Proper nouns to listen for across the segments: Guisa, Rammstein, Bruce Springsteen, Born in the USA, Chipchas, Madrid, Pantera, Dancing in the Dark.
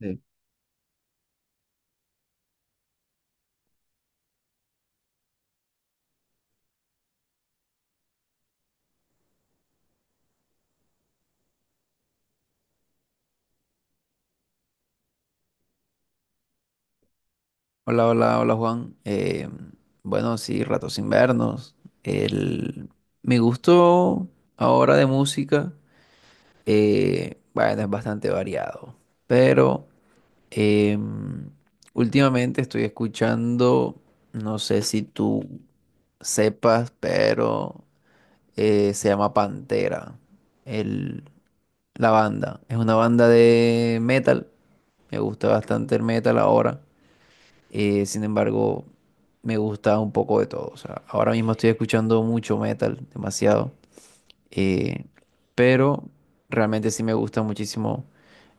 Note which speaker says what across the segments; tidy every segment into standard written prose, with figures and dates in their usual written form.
Speaker 1: Sí. Hola, hola, hola Juan. Bueno, sí, rato sin vernos. El, Mi gusto ahora de música, bueno, es bastante variado, pero em, últimamente estoy escuchando, no sé si tú sepas, pero se llama Pantera, el, la banda. Es una banda de metal, me gusta bastante el metal ahora. Sin embargo, me gusta un poco de todo. O sea, ahora mismo estoy escuchando mucho metal, demasiado. eh, pero realmente sí me gusta muchísimo,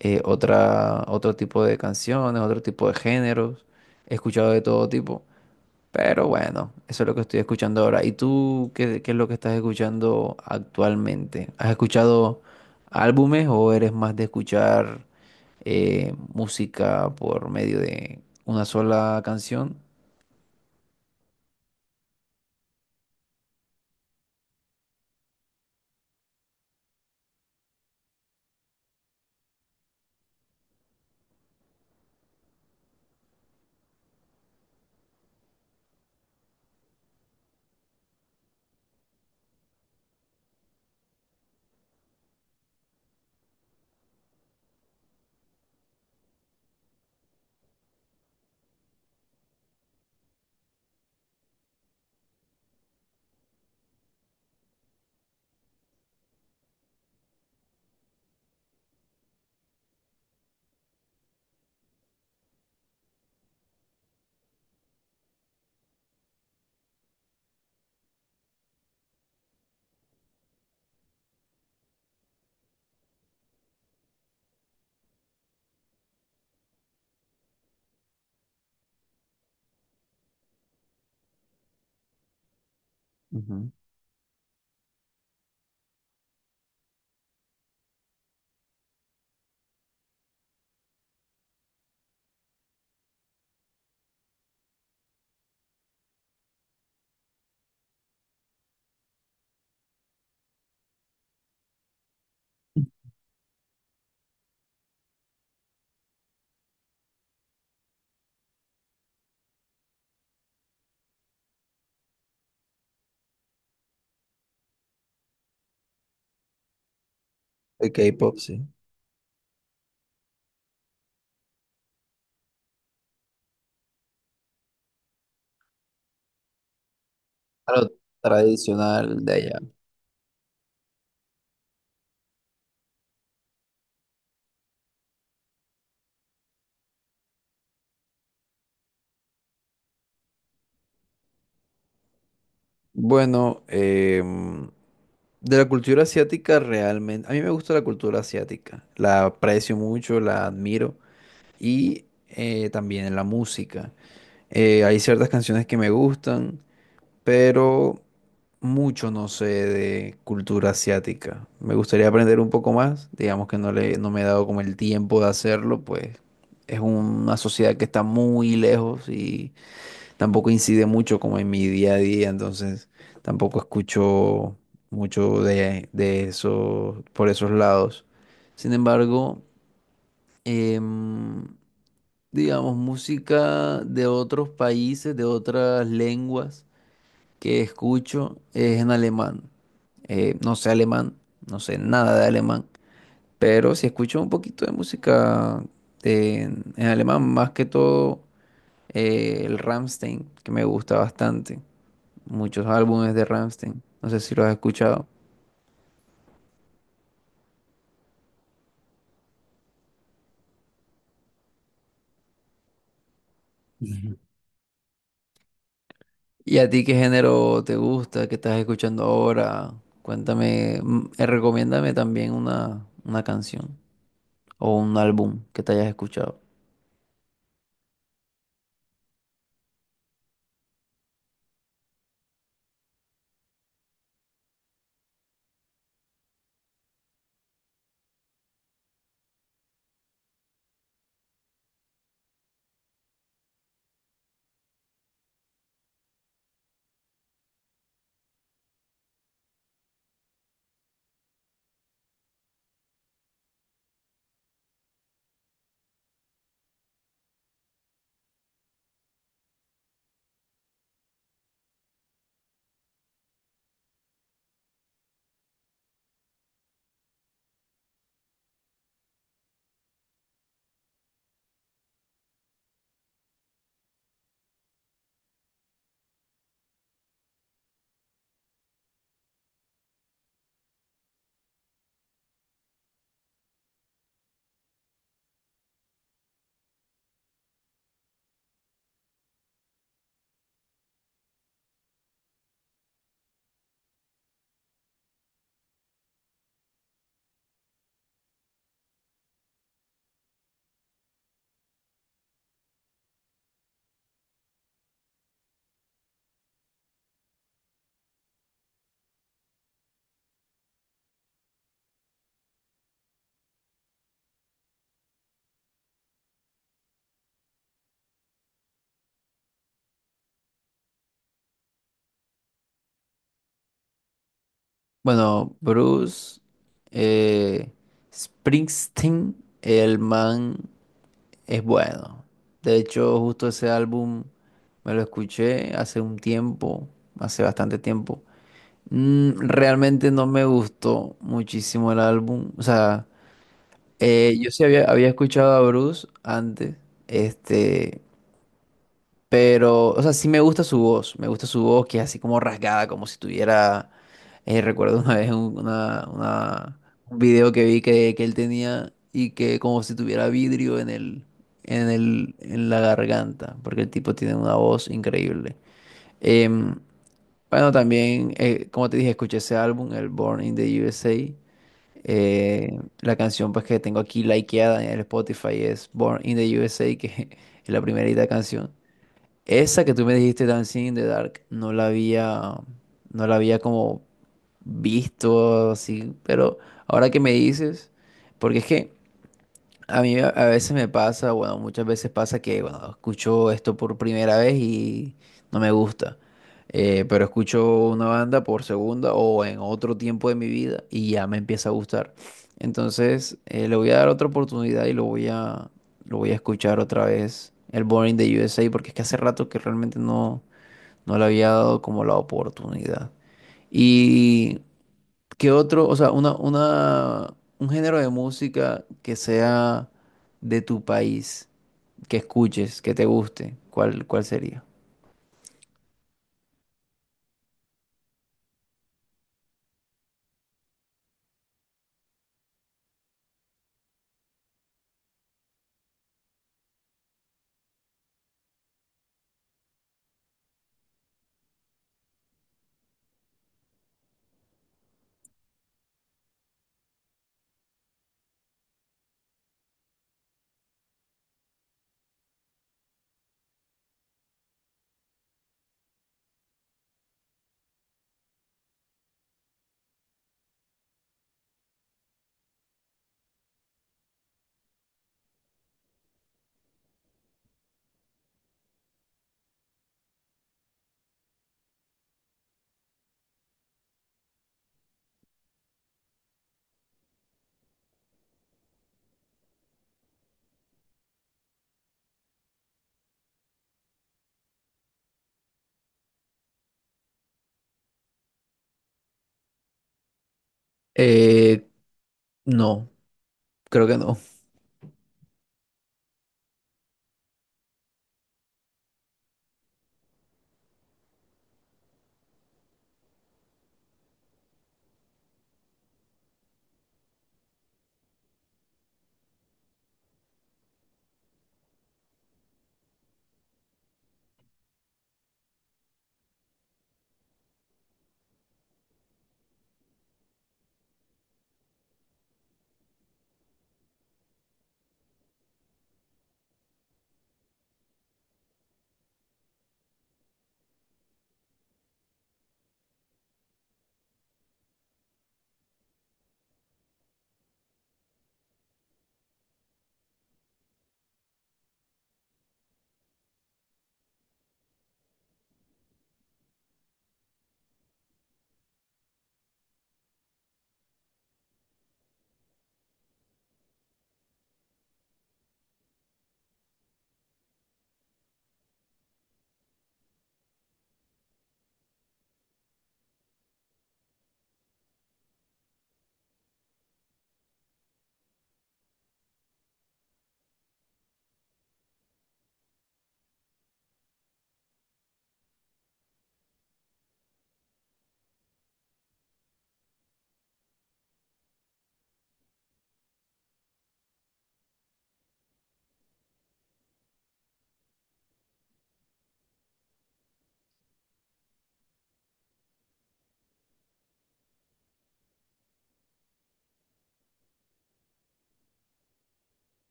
Speaker 1: otra, otro tipo de canciones, otro tipo de géneros. He escuchado de todo tipo. Pero bueno, eso es lo que estoy escuchando ahora. ¿Y tú qué, qué es lo que estás escuchando actualmente? ¿Has escuchado álbumes o eres más de escuchar música por medio de una sola canción? Ujú. El K-pop, sí. A lo tradicional de allá. Bueno, de la cultura asiática realmente, a mí me gusta la cultura asiática, la aprecio mucho, la admiro y también la música. Hay ciertas canciones que me gustan, pero mucho no sé de cultura asiática. Me gustaría aprender un poco más, digamos que no le, no me he dado como el tiempo de hacerlo, pues es una sociedad que está muy lejos y tampoco incide mucho como en mi día a día, entonces tampoco escucho mucho de eso por esos lados. Sin embargo, em, digamos, música de otros países, de otras lenguas que escucho es en alemán. No sé alemán, no sé nada de alemán, pero sí escucho un poquito de música de en alemán, más que todo el Rammstein, que me gusta bastante, muchos álbumes de Rammstein. No sé si los has escuchado. Ujú. ¿Y a ti qué género te gusta? ¿Qué estás escuchando ahora? Cuéntame, mm, recomiéndame también una canción o un álbum que te hayas escuchado. Bueno, Bruce, eh, Springsteen, el man es bueno. De hecho, justo ese álbum me lo escuché hace un tiempo, hace bastante tiempo. Mm, realmente no me gustó muchísimo el álbum. O sea, yo sí había escuchado a Bruce antes, este, pero, o sea, sí me gusta su voz, me gusta su voz que es así como rasgada, como si tuviera, recuerdo una vez un, un video que vi que él tenía y que como si tuviera vidrio en el, en el, en la garganta, porque el tipo tiene una voz increíble. Em, bueno, también, como te dije, escuché ese álbum, el Born in the USA. La canción pues que tengo aquí likeada en el Spotify es Born in the USA, que es la primerita canción. Esa que tú me dijiste, Dancing in the Dark, no la había, no la había como visto así, pero ahora que me dices, porque es que a mí a veces me pasa, bueno, muchas veces pasa que, bueno, escucho esto por primera vez y no me gusta. Pero escucho una banda por segunda o en otro tiempo de mi vida y ya me empieza a gustar. Entonces, le voy a dar otra oportunidad y lo voy a escuchar otra vez, el Born in the USA, porque es que hace rato que realmente no, no le había dado como la oportunidad. Y ¿qué otro, o sea, una, un género de música que sea de tu país, que escuches, que te guste? ¿Cuál, cuál sería? Eh, no. Creo que no.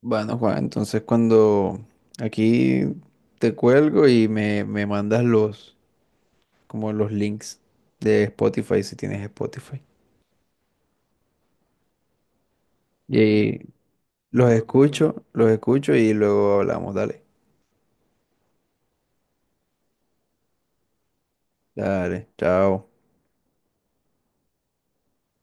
Speaker 1: Bueno, Juan, entonces cuando aquí te cuelgo y me mandas los, como los links de Spotify, si tienes Spotify. Y los escucho y luego hablamos. Dale, dale, chao.